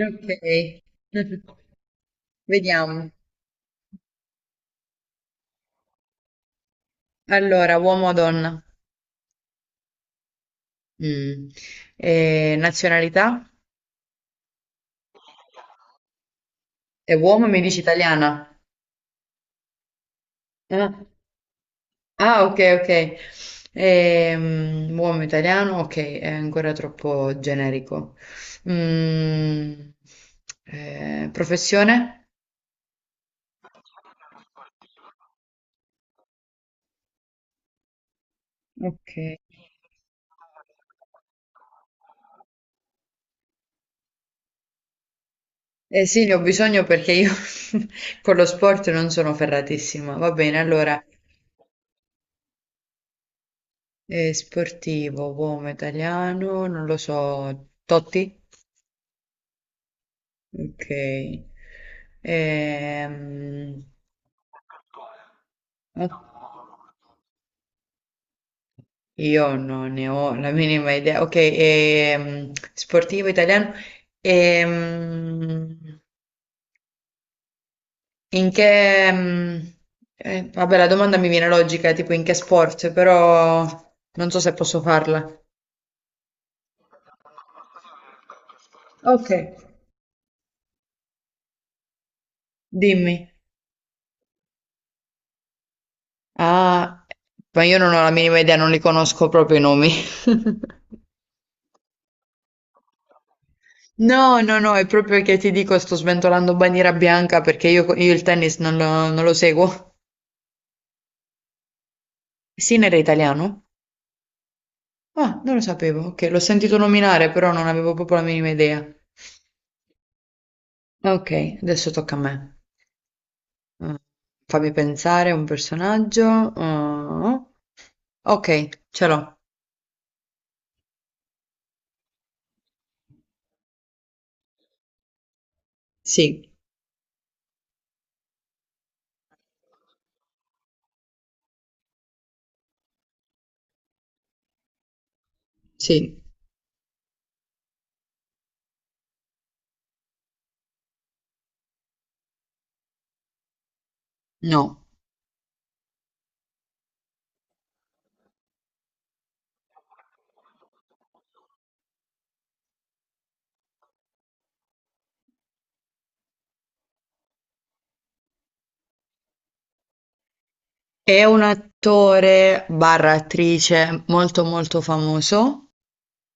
Ok, vediamo. Allora, uomo o donna? Mm. Nazionalità? È uomo, e mi dici italiana? Ah, ok, ok. Uomo italiano, ok, è ancora troppo generico. Mm, Professione? Ok. Eh sì, ne ho bisogno perché io con lo sport non sono ferratissima. Va bene, allora. Sportivo, uomo italiano, non lo so, Totti? Ok. Ehm, oh, io non ne ho la minima idea. Ok, sportivo italiano. Ehm, in che... ehm, Vabbè, la domanda mi viene logica, tipo in che sport, però non so se posso farla. Ok. Dimmi. Ah, ma io non ho la minima idea, non li conosco proprio i nomi. No, no, no, è proprio che ti dico, sto sventolando bandiera bianca perché io il tennis non lo seguo. Sinner è italiano? Ah, non lo sapevo. Ok, l'ho sentito nominare, però non avevo proprio la minima idea. Ok, adesso tocca a me. Mm, Fammi pensare un personaggio. Oh, ok, ce l'ho. Sì, sì, no. È un attore barra attrice molto molto famoso.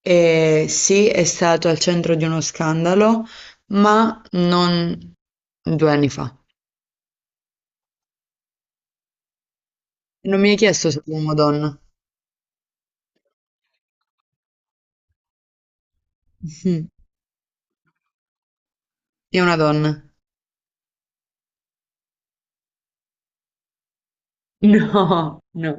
E sì, è stato al centro di uno scandalo, ma non due anni fa. Non mi hai chiesto se è uomo o donna. Mhm. È una donna. No, no.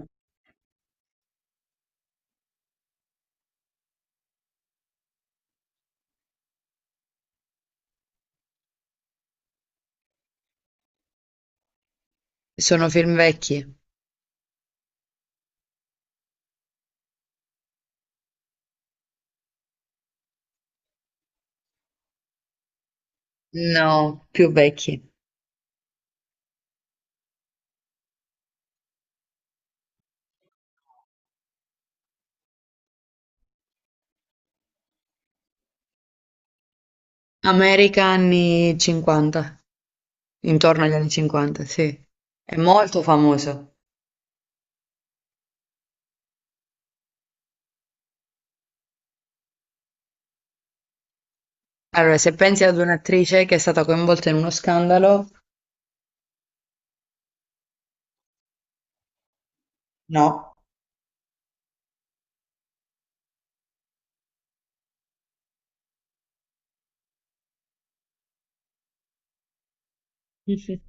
Sono film vecchi. No, più vecchi. America anni 50, intorno agli anni 50, sì. È molto famoso. Allora, se pensi ad un'attrice che è stata coinvolta in uno scandalo, no. Mhm.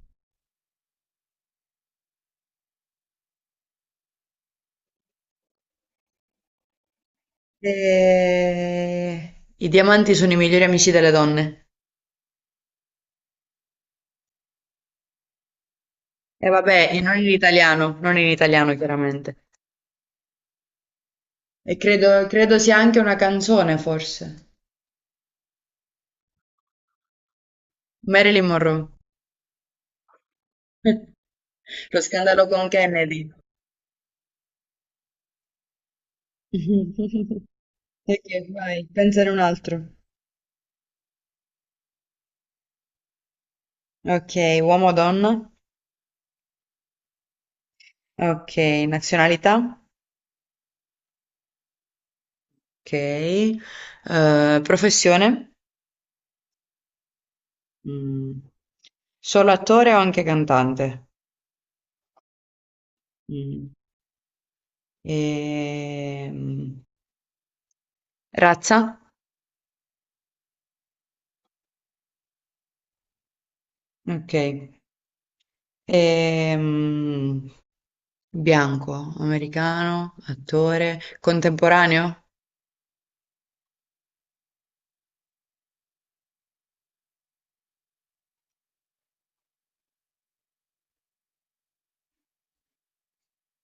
I diamanti sono i migliori amici delle donne. E vabbè, e non in italiano chiaramente. E credo sia anche una canzone, forse. Marilyn Monroe. Lo scandalo con Kennedy. Ok, vai, pensare un altro. Ok, uomo o donna? Ok, nazionalità? Ok. Professione? Mm. Solo attore o anche cantante? Mm. Ehm, Razza? Ok. Ehm, Bianco, americano, attore, contemporaneo.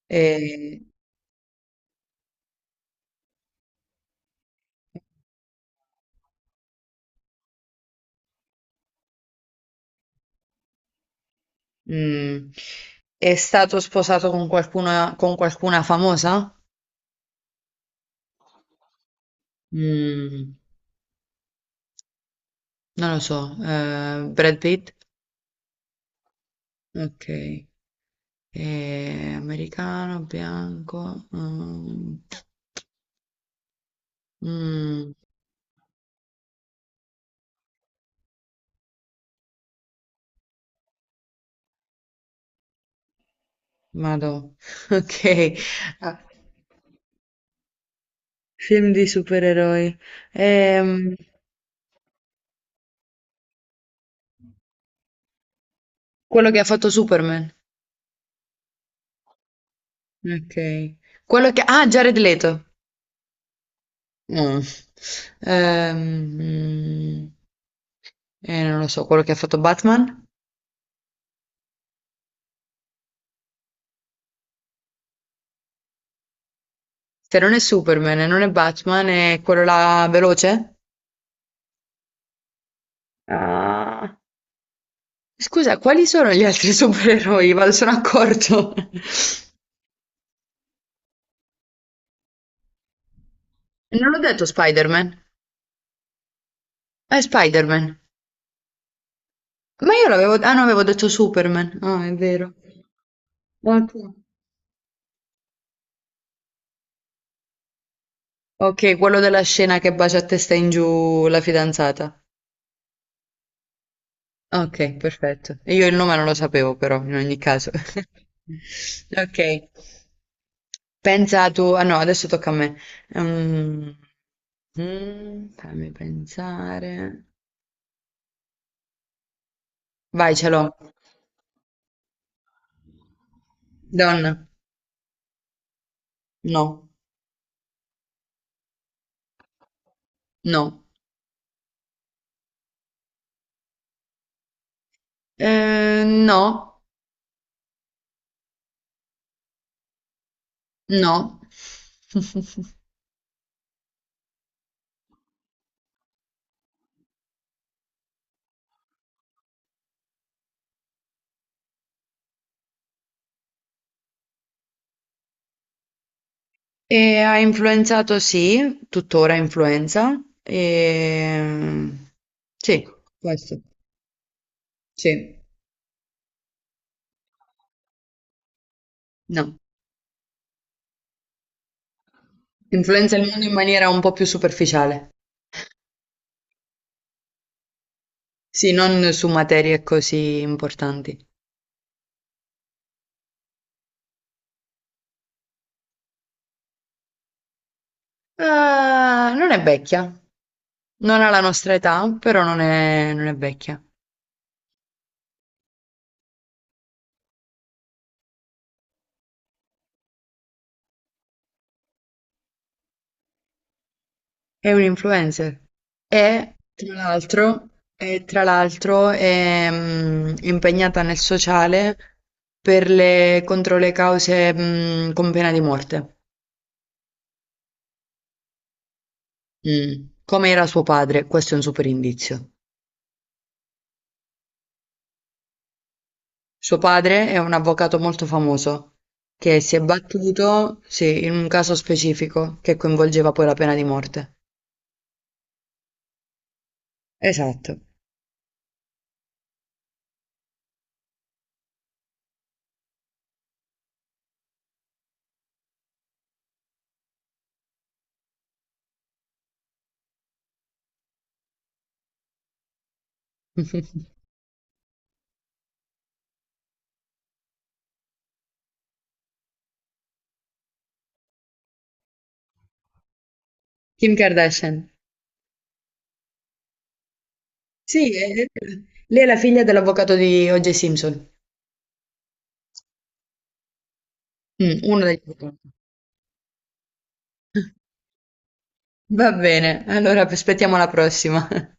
E, mm, è stato sposato con con qualcuna famosa? Mm, Non lo so. Brad Pitt? Ok. Americano, bianco. Mm, Madò. Ok. Ah, film di supereroi. Ehm, Quello che ha fatto Superman. Ok. Quello che... Ah, Jared Leto. No. Ehm, mm, Non lo so, quello che ha fatto Batman? Se non è Superman e non è Batman, è quello là veloce? Ah. Scusa, quali sono gli altri supereroi? Vado, sono accorto. Non l'ho detto Spider-Man. È Spider-Man. Ma io l'avevo... Ah, no, avevo detto Superman. Ah, è vero. Ok, Ok, quello della scena che bacia a testa in giù la fidanzata. Ok, perfetto. Io il nome non lo sapevo però, in ogni caso. Ok, pensa tu... Ah no, adesso tocca a me. Fammi pensare. Vai, ce l'ho. Donna. No, no. No, no. E ha influenzato, sì, tuttora influenza. E... Sì, questo. Sì, no. Influenza il mondo in maniera un po' più superficiale. Sì, non su materie così importanti. Eh, Non è vecchia, non ha la nostra età, però non è vecchia. È un influencer. E tra l'altro, e, tra l'altro è impegnata nel sociale per contro le cause con pena di morte, Mm. Come era suo padre. Questo è un super indizio. Suo padre è un avvocato molto famoso, che si è battuto, sì, in un caso specifico che coinvolgeva poi la pena di morte. Esatto. Kim Kardashian. Sì, è- Lei è la figlia dell'avvocato di O.J. Simpson. Mm, uno degli avvocati. Va bene, allora aspettiamo la prossima.